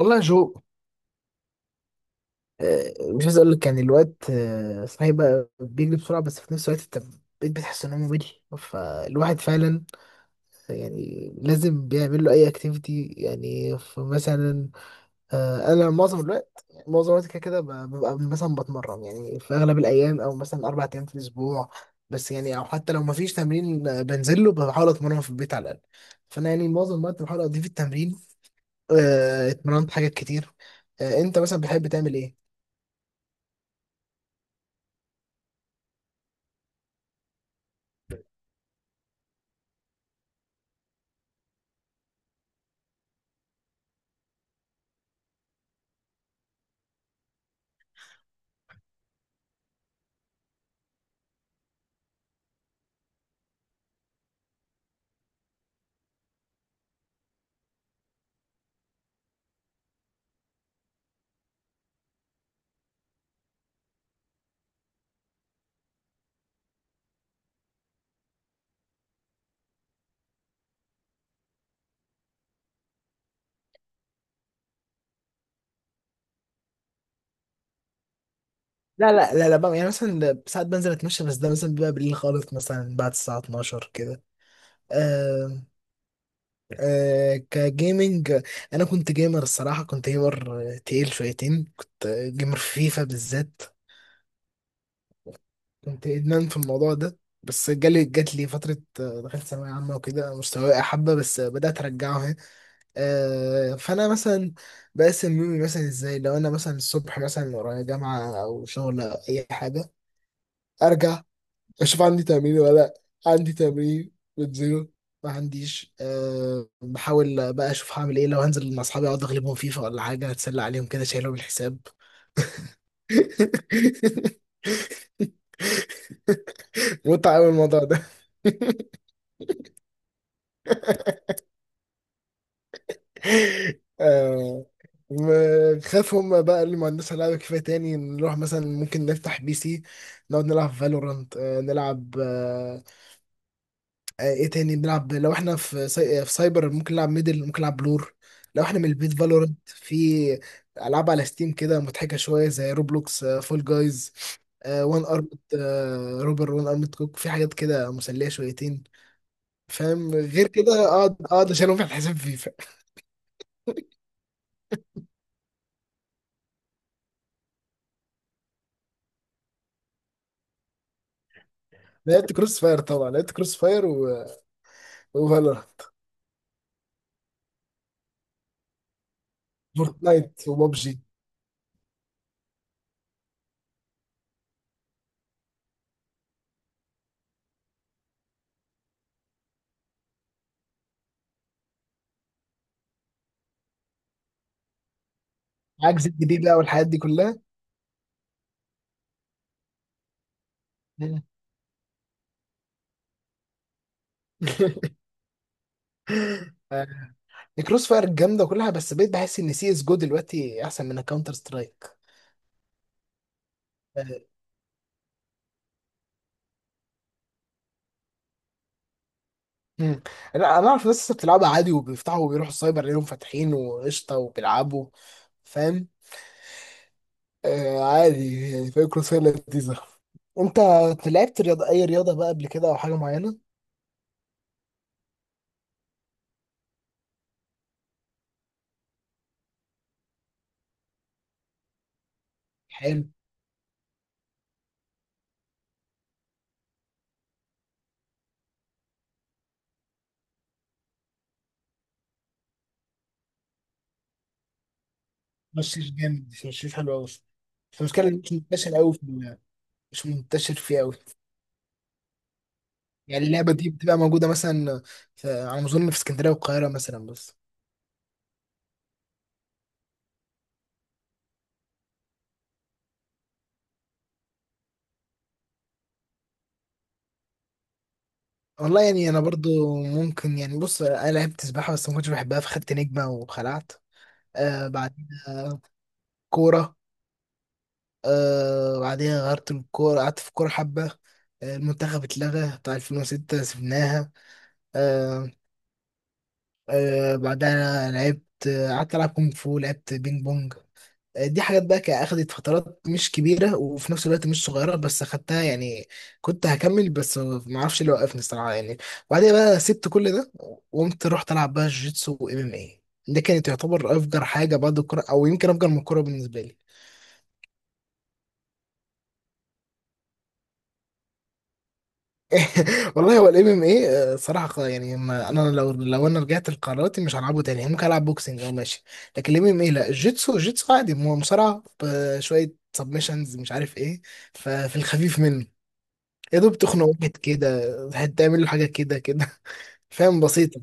والله يا جو. مش عايز اقول لك يعني الوقت صحيح بقى بيجري بسرعه، بس في نفس الوقت انت بقيت بتحس ان هو ممل. فالواحد فعلا يعني لازم بيعمل له اي اكتيفيتي، يعني فمثلا انا معظم الوقت معظم الوقت كده كده ببقى مثلا بتمرن، يعني في اغلب الايام او مثلا اربع ايام في الاسبوع. بس يعني او حتى لو مفيش تمرين، بنزل له بحاول اتمرن في البيت على الاقل. فانا يعني معظم الوقت بحاول اضيف التمرين. اتمرنت حاجات كتير. انت مثلا بتحب تعمل ايه؟ لا لا لا لا بقى، يعني مثلا ده ساعات بنزل اتمشى، بس ده مثلا بيبقى بالليل خالص مثلا بعد الساعة 12 كده. آه. كجيمنج، انا كنت جيمر الصراحة، كنت جيمر تقيل شويتين، كنت جيمر في فيفا بالذات. كنت ادمان في الموضوع ده، بس جات لي فترة، دخلت ثانوية عامة وكده مستواي وقع حبة، بس بدأت أرجعه أهي. فأنا مثلا بقسم يومي مثلا إزاي. لو أنا مثلا الصبح مثلا ورايا جامعة أو شغل أو أي حاجة أرجع اشوف عندي تمرين ولا لأ. عندي تمرين بنزله. ما عنديش، بحاول بقى اشوف هعمل ايه. لو هنزل مع اصحابي اقعد اغلبهم فيفا ولا حاجه، اتسلى عليهم كده شايلهم الحساب. متعة قوي الموضوع ده. أه. خاف هم بقى اللي ما عندناش لعبة كفاية. تاني نروح مثلا ممكن نفتح بي سي نقعد نلعب فالورانت، نلعب، ايه تاني نلعب. لو احنا في في سايبر ممكن نلعب ميدل، ممكن نلعب بلور. لو احنا من البيت فالورنت، في العاب على ستيم كده مضحكه شويه زي روبلوكس، فول جايز، وان ارمد، روبر وان ارمد كوك، في حاجات كده مسليه شويتين. فاهم؟ غير كده اقعد اقعد اشيلهم في الحساب فيفا. لعبت كروس فاير طبعا، لعبت كروس فاير و... وفالورانت، فورتنايت وبابجي. عجز الجديد بقى والحاجات دي كلها. الكروس فاير جامده وكلها، بس بقيت بحس ان سي اس جو دلوقتي احسن من الكاونتر سترايك. مم. لا انا اعرف ناس لسه بتلعبها عادي، وبيفتحوا وبيروحوا السايبر ليهم فاتحين وقشطه وبيلعبوا. فاهم؟ آه عادي يعني. فاهم؟ كروس فاير لذيذه. انت لعبت رياضه، اي رياضه بقى قبل كده او حاجه معينه؟ حلو. مشيش جامد، مشيش حلو قوي. المشكله إن مش منتشر قوي في مش منتشر فيه قوي. يعني اللعبه دي بتبقى موجوده مثلا في، على ما اظن في اسكندريه والقاهره مثلا بس. والله يعني انا برضو ممكن، يعني بص انا لعبت سباحه بس ما كنتش بحبها، فخدت نجمه وخلعت. بعدين كوره. بعدين غيرت الكوره قعدت في كوره حبه. آه المنتخب اتلغى بتاع 2006 سبناها. آه. بعدها لعبت، قعدت العب كونغ فو، لعبت بينج بونج. دي حاجات بقى اخدت فترات مش كبيرة، وفي نفس الوقت مش صغيرة، بس اخدتها يعني. كنت هكمل بس ما اعرفش اللي وقفني الصراحة يعني. وبعدين بقى سبت كل ده، وقمت رحت العب بقى جيتسو وام ام اي. ده كانت تعتبر افجر حاجة بعد الكورة، او يمكن افجر من الكورة بالنسبة لي. والله هو الام ام اي صراحة يعني، ما انا لو انا رجعت لقراراتي مش هلعبه تاني يعني. ممكن العب بوكسنج او ماشي، لكن الام ام اي لا. الجيتسو، الجيتسو عادي، مصارعة بشوية سبمشنز مش عارف ايه. ففي الخفيف منه يا دوب تخنق واحد كده، هتعمل له حاجه كده كده. فاهم؟ بسيطه.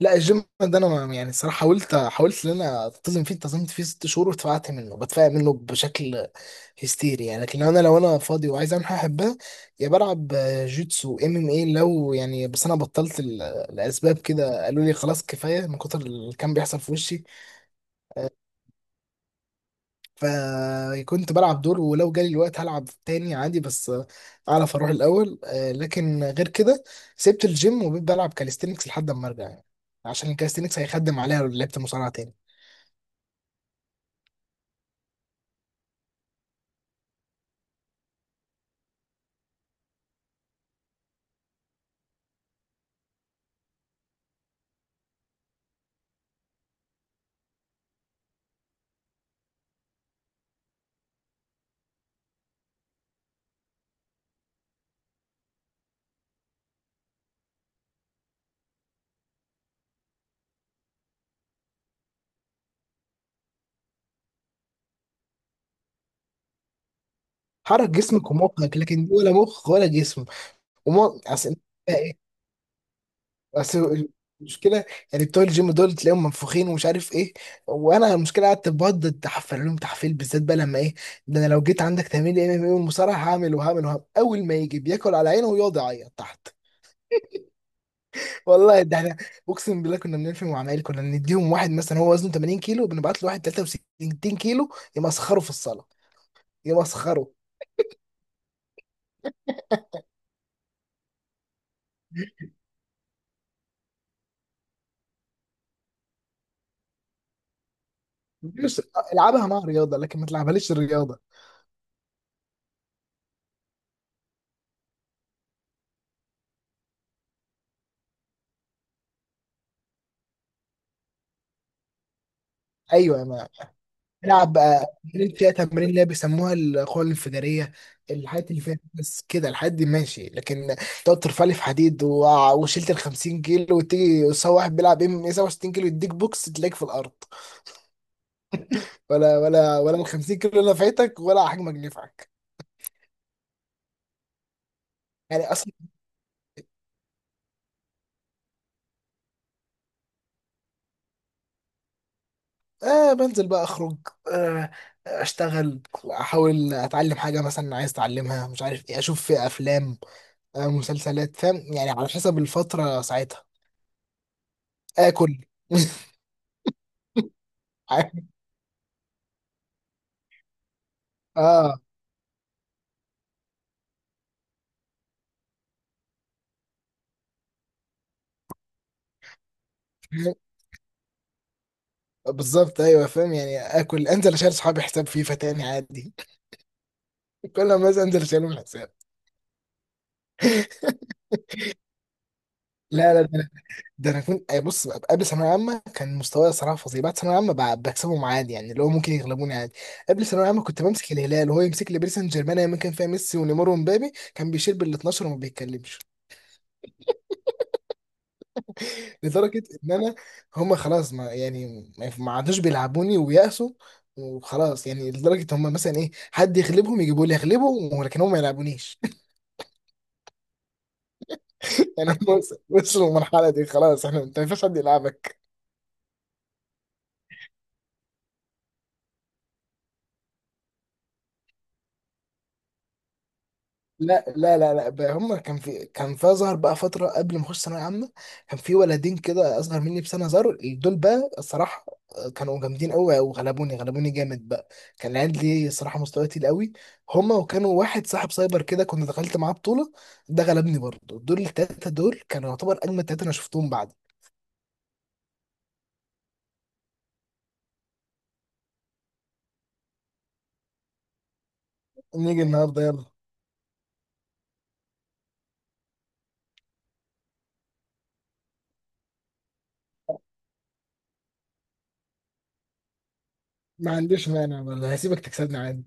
لا، الجيم ده انا يعني الصراحه حاولت ان انا التزم فيه، التزمت فيه ست شهور واتفقعت منه، بتفقع منه بشكل هستيري يعني. لكن لو انا فاضي وعايز اعمل حاجه احبها، يا بلعب جيتسو، ام ام اي لو يعني. بس انا بطلت الاسباب كده، قالوا لي خلاص كفايه من كتر اللي كان بيحصل في وشي. فكنت بلعب دور، ولو جالي الوقت هلعب تاني عادي. بس اعرف اروح الاول، لكن غير كده سبت الجيم وبقيت بلعب كاليستينكس لحد اما ارجع يعني، عشان الكاليستينكس هيخدم عليها لو لعبت مصارعه تاني. حرك جسمك ومخك لكن ولا مخ ولا جسم. وما اصل ايه، اصل المشكله، يعني بتوع الجيم دول تلاقيهم منفوخين ومش عارف ايه. وانا المشكله قعدت بقعد تحفل لهم تحفيل بالذات بقى لما ايه. ده انا لو جيت عندك تمرين ام ام اي والمصارعه هعمل وهعمل وهعمل، اول ما يجي بياكل على عينه ويقعد يعيط تحت. والله ده احنا، اقسم بالله كنا بنلفي مع عمايل، كنا نديهم واحد مثلا هو وزنه 80 كيلو، بنبعت له واحد 63 كيلو يمسخره في الصاله، يمسخره. مش العبها مع رياضه لكن ما تلعبهاليش الرياضه. ايوه يا مان. العب بقى تمارين، فيها تمارين اللي هي بيسموها القوه الانفجاريه، الحاجات اللي فيها بس كده، الحاجات دي ماشي. لكن تقعد ترفع لي في حديد وشلت ال 50 كيلو، وتيجي سوا واحد بيلعب ام ام 67 كيلو يديك بوكس تلاقيك في الارض. ولا ولا ولا ال 50 كيلو نفعتك ولا حجمك نفعك. يعني. آه بنزل بقى، أخرج، آه أشتغل، أحاول أتعلم حاجة مثلا عايز أتعلمها مش عارف إيه، أشوف في أفلام، آه مسلسلات، فاهم يعني على حسب الفترة ساعتها. آكل. آه. فاهم؟ بالظبط أيوه فاهم، يعني آكل، أنزل أشيل صحابي حساب فيفا تاني عادي. كل ما أنزل أشيلهم حساب. لا لا. ده انا كنت أي بص قبل ثانويه عامه كان مستواي صراحه فظيع. بعد ثانويه عامه بكسبهم عادي، يعني اللي هو ممكن يغلبوني عادي. قبل ثانويه عامه كنت بمسك الهلال وهو يمسك لي باريس سان جيرمان، ايام ما كان فيها ميسي ونيمار ومبابي. كان بيشيل بال 12 وما بيتكلمش، لدرجه ان انا، هم خلاص، ما يعني ما عادوش بيلعبوني ويأسوا وخلاص يعني. لدرجه هم مثلا ايه، حد يغلبهم يجيبوا لي اغلبهم، ولكن هم ما يلعبونيش. يعني هم وصلوا للمرحله دي، خلاص احنا، انت ما ينفعش حد يلعبك. لا لا لا لا بقى. هما كان في كان في ظهر بقى فترة قبل ما اخش ثانوية عامة. كان في ولدين كده اصغر مني بسنة ظهروا دول بقى الصراحة، كانوا جامدين قوي وغلبوني، غلبوني جامد بقى. كان العيال دي الصراحة مستوى تقيل قوي، هما. وكانوا واحد صاحب سايبر كده كنت دخلت معاه بطولة، ده غلبني برضه. دول التلاتة دول كانوا يعتبر اجمد تلاتة انا شفتهم بعد. نيجي النهاردة يلا. ما عنديش مانع والله، هسيبك تكسبني عادي.